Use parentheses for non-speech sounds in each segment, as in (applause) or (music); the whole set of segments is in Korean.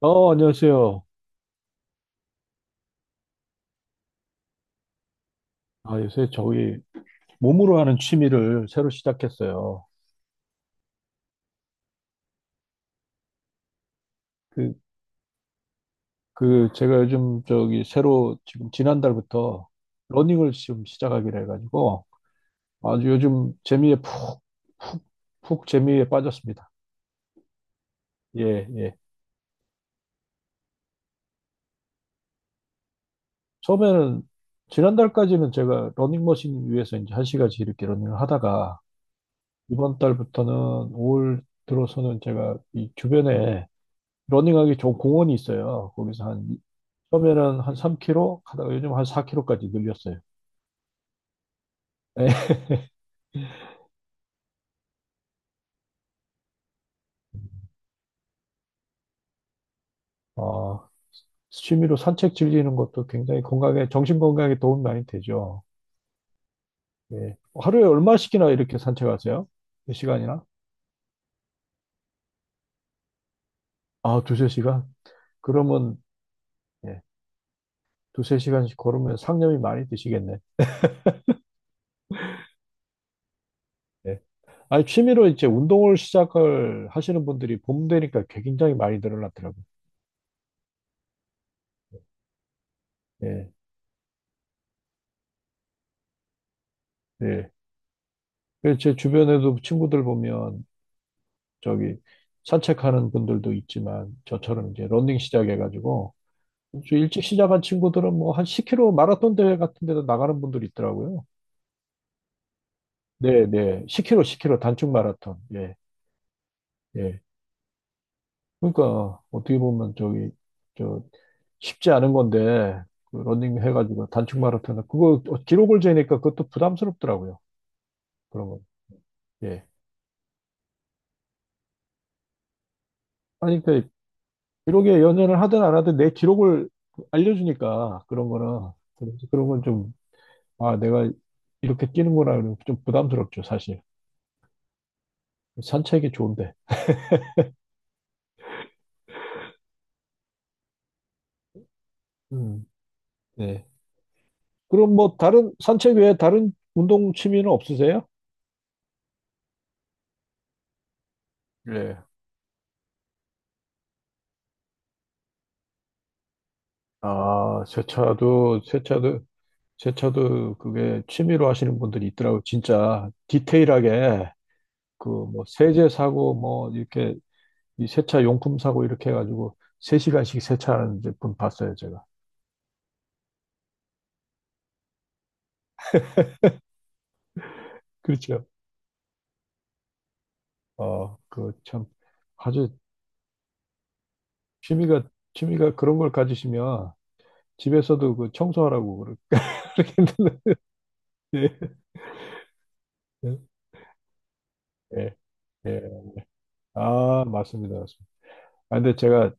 어, 안녕하세요. 아, 요새 저기 몸으로 하는 취미를 새로 시작했어요. 그, 제가 요즘 저기 새로 지금 지난달부터 러닝을 지금 시작하기로 해가지고 아주 요즘 재미에 푹, 푹, 푹 재미에 빠졌습니다. 예, 예. 처음에는 지난달까지는 제가 러닝머신 위에서 이제 1시간씩 이렇게 러닝을 하다가 이번 달부터는 올월 들어서는 제가 이 주변에 러닝하기 좋은 공원이 있어요. 거기서 한, 처음에는 한 3km, 하다가 요즘 한 4km까지 늘렸어요. 예. 어, 취미로 산책 즐기는 것도 굉장히 건강에, 정신 건강에 도움 많이 되죠. 예. 하루에 얼마씩이나 이렇게 산책하세요? 몇 시간이나? 아, 두세 시간? 그러면, 예, 두세 시간씩 걸으면 상념이 많이 드시겠네. 예. 아니, 취미로 이제 운동을 시작을 하시는 분들이 봄 되니까 굉장히 많이 늘어났더라고요. 예, 예. 그래서 제 주변에도 친구들 보면 저기 산책하는 분들도 있지만 저처럼 이제 러닝 시작해가지고 좀 일찍 시작한 친구들은 뭐 한 10km 마라톤 대회 같은 데도 나가는 분들이 있더라고요. 네, 네. 10km, 10km 단축 마라톤. 예, 예. 그러니까 어떻게 보면 저기 저 쉽지 않은 건데 그 러닝 해가지고 단축 마라톤 그거 기록을 재니까 그것도 부담스럽더라고요. 그런 거. 예. 아니 그 기록에 연연을 하든 안 하든 내 기록을 알려주니까 그런 거는 그런 건좀 아, 내가 이렇게 뛰는 거라 그러면 좀 부담스럽죠, 사실. 산책이 좋은데. 음, 네. 그럼 뭐 다른 산책 외에 다른 운동 취미는 없으세요? 네. 아, 세차도 그게 취미로 하시는 분들이 있더라고요. 진짜 디테일하게 그 뭐 세제 사고 뭐 이렇게 이 세차 용품 사고 이렇게 해가지고 3시간씩 세차하는 이제 분 봤어요, 제가. 그렇죠. 어, 그 참 아주 취미가 그런 걸 가지시면 집에서도 그 청소하라고 그렇게 (laughs) 그렇게 했는데 예. 예. 예. 아, 맞습니다. 맞습니다. 아, 근데 제가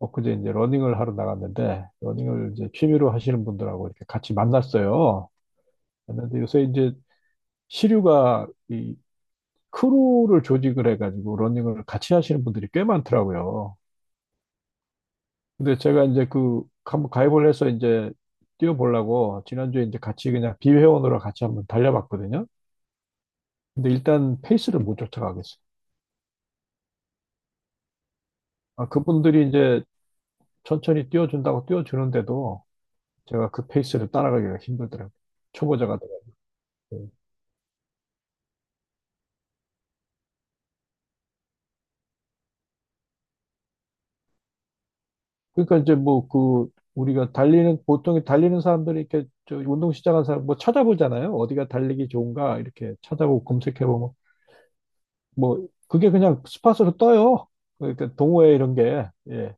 엊그제 이제 러닝을 하러 나갔는데 러닝을 이제 취미로 하시는 분들하고 이렇게 같이 만났어요. 근데 요새 이제 시류가 이 크루를 조직을 해가지고 러닝을 같이 하시는 분들이 꽤 많더라고요. 근데 제가 이제 그 한번 가입을 해서 이제 뛰어보려고 지난주에 이제 같이 그냥 비회원으로 같이 한번 달려봤거든요. 근데 일단 페이스를 못 쫓아가겠어요. 아, 그분들이 이제 천천히 띄워준다고 띄워주는데도 제가 그 페이스를 따라가기가 힘들더라고요. 초보자가 돼가지고. 그러니까 이제 뭐 그 우리가 달리는 보통 달리는 사람들이 이렇게 저 운동 시작한 사람 뭐 찾아보잖아요. 어디가 달리기 좋은가 이렇게 찾아보고 검색해보면 뭐 그게 그냥 스팟으로 떠요. 그러니까 동호회 이런 게 예.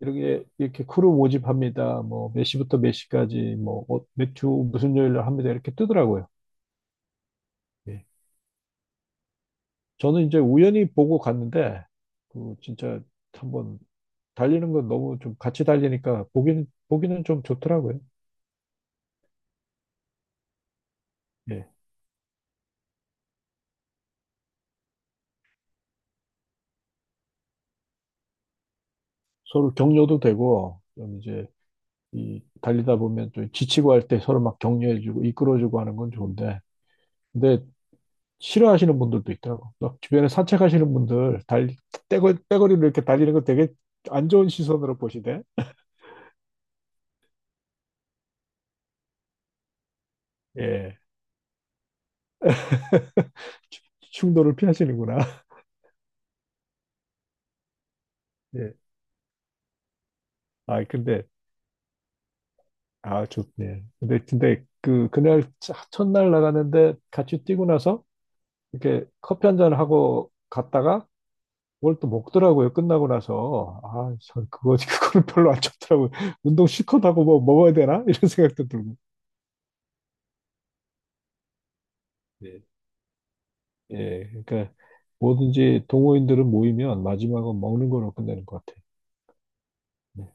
이렇게 이렇게 크루 모집합니다. 뭐 몇 시부터 몇 시까지 뭐 어, 몇주 무슨 요일로 합니다. 이렇게 뜨더라고요. 예. 저는 이제 우연히 보고 갔는데, 그 진짜 한번 달리는 건 너무 좀 같이 달리니까 보기는 좀 좋더라고요. 예. 서로 격려도 되고, 좀 이제 이 달리다 보면 좀 지치고 할 때 서로 막 격려해주고 이끌어주고 하는 건 좋은데, 근데 싫어하시는 분들도 있더라고. 막 주변에 산책하시는 분들, 달, 떼거리로 이렇게 달리는 거 되게 안 좋은 시선으로 보시대. 예. 충돌을 피하시는구나. (laughs) 예. 아, 근데 아, 좋네. 그, 그날 첫날 나가는데 같이 뛰고 나서 이렇게 커피 한 잔 하고 갔다가 뭘 또 먹더라고요. 끝나고 나서. 아, 저 그거, (laughs) 그거는 별로 안 좋더라고요. 운동 실컷 하고 뭐 먹어야 되나? (laughs) 이런 생각도 들고. 예, 예, 그러니까 뭐든지 동호인들은 모이면 마지막은 먹는 걸로 끝내는 것 같아요. 네.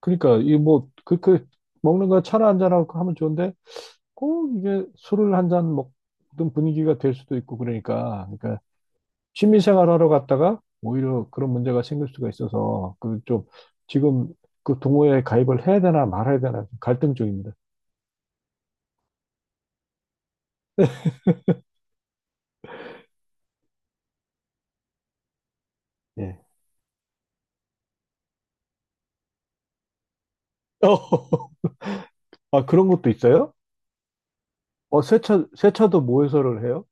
그러니까 이 뭐, 먹는 거 차나 한 잔하고 하면 좋은데 꼭 이게 술을 한 잔 먹던 분위기가 될 수도 있고 그러니까. 그러니까 취미생활 하러 갔다가 오히려 그런 문제가 생길 수가 있어서 그 좀 지금 그 동호회에 가입을 해야 되나 말아야 되나 좀 갈등 중입니다. 예. (laughs) 아, 그런 것도 있어요? 어, 세차, 세차도 모여서를 해요?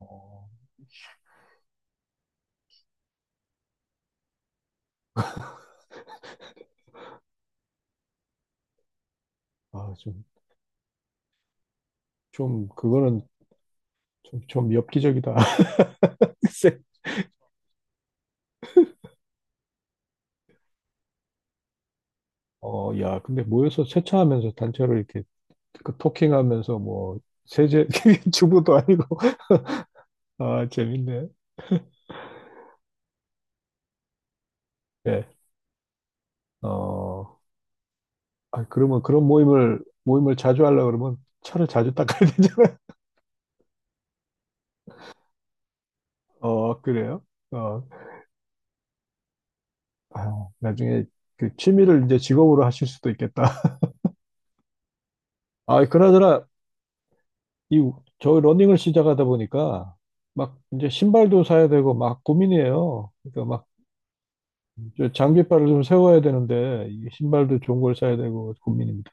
어, 아, 좀, 좀, 그거는 좀, 좀 엽기적이다. (laughs) 글쎄. 어, 야, 근데 모여서 세차하면서 단체로 이렇게 그 토킹하면서 뭐, 세제, (laughs) 주부도 아니고. (laughs) 아, 재밌네. 예. 어. 아, 그러면 그런 모임을 자주 하려고 그러면 차를 자주 닦아야 되잖아요. (laughs) 어, 그래요? 어, 아, 나중에 그 취미를 이제 직업으로 하실 수도 있겠다. (laughs) 아, 그나저나 이 저 러닝을 시작하다 보니까 막 이제 신발도 사야 되고 막 고민이에요. 그러니까 막저 장비빨을 좀 세워야 되는데 이 신발도 좋은 걸 사야 되고 고민입니다.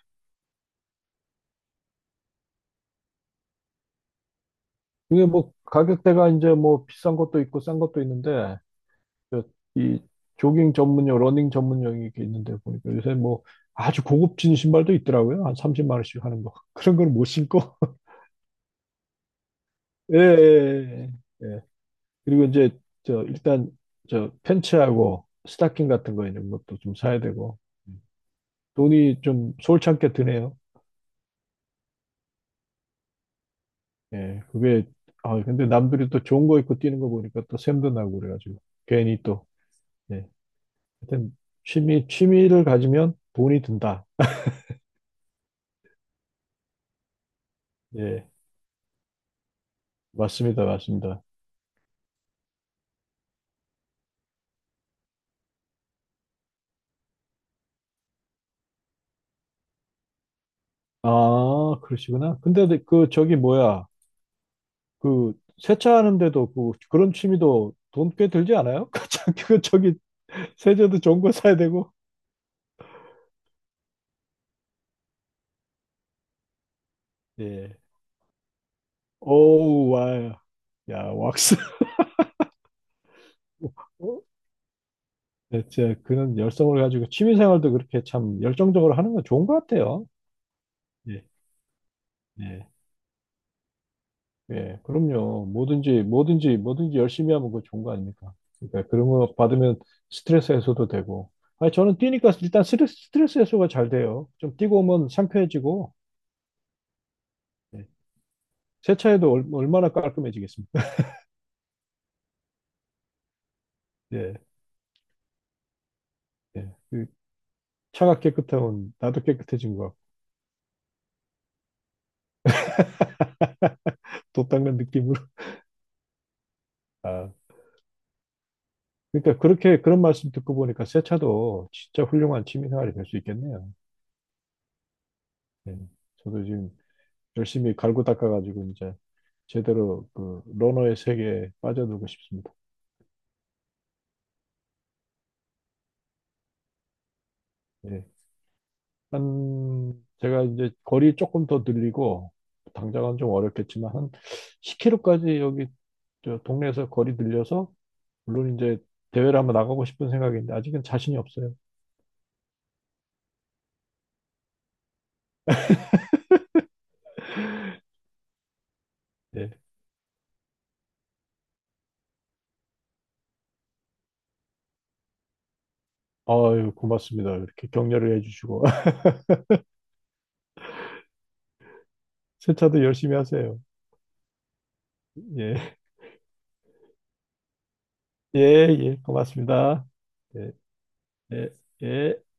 이게 뭐 가격대가 이제 뭐 비싼 것도 있고 싼 것도 있는데 그러니까 이 조깅 전문용, 러닝 전문용이 이렇게 있는데 보니까 요새 뭐 아주 고급진 신발도 있더라고요. 한 30만 원씩 하는 거. (laughs) 그런 걸 못 신고. (laughs) 예, 예, 예. 예. 그리고 이제 저 일단 저 팬츠하고 스타킹 같은 거 이런 것도 좀 사야 되고 돈이 좀 솔찬게 드네요. 예, 그게 아 근데 남들이 또 좋은 거 입고 뛰는 거 보니까 또 샘도 나고 그래가지고 괜히 또 예. 하여튼 취미를 가지면 돈이 든다. 예, 맞습니다, 맞습니다. 아, 그러시구나. 근데 네, 그 저기 뭐야? 그 세차하는데도 그 그런 취미도 돈 꽤 들지 않아요? (laughs) 그 저기 그 저기 세제도 좋은 거 사야 되고. 예. 오우 와. 야, 왁스. (laughs) 어? 대체 그런 열성을 가지고 취미 생활도 그렇게 참 열정적으로 하는 건 좋은 것 같아요. 예. 예. 예, 그럼요. 뭐든지, 뭐든지, 뭐든지 열심히 하면 그거 좋은 거 아닙니까? 그러니까 그런 거 받으면 스트레스 해소도 되고. 아니, 저는 뛰니까 일단 스트레스 해소가 잘 돼요. 좀 뛰고 오면 상쾌해지고, 예. 세차해도 얼마나 깔끔해지겠습니까? (laughs) 예, 예. 그 차가 깨끗하면 나도 깨끗해진 것 같고, 도 닦는 느낌으로. (laughs) 아, 그러니까 그렇게, 그런 말씀 듣고 보니까 세차도 진짜 훌륭한 취미생활이 될 수 있겠네요. 예. 저도 지금 열심히 갈고 닦아가지고 이제 제대로 그 러너의 세계에 빠져들고 싶습니다. 예. 한 제가 이제 거리 조금 더 늘리고 당장은 좀 어렵겠지만 한 10km까지 여기 저 동네에서 거리 늘려서 물론 이제 대회를 한번 나가고 싶은 생각인데 아직은 자신이 없어요. 예. 아유, 고맙습니다. 이렇게 격려를 해주시고. (laughs) 세차도 열심히 하세요. 예. 예, 예. 고맙습니다. 예, 예, 예.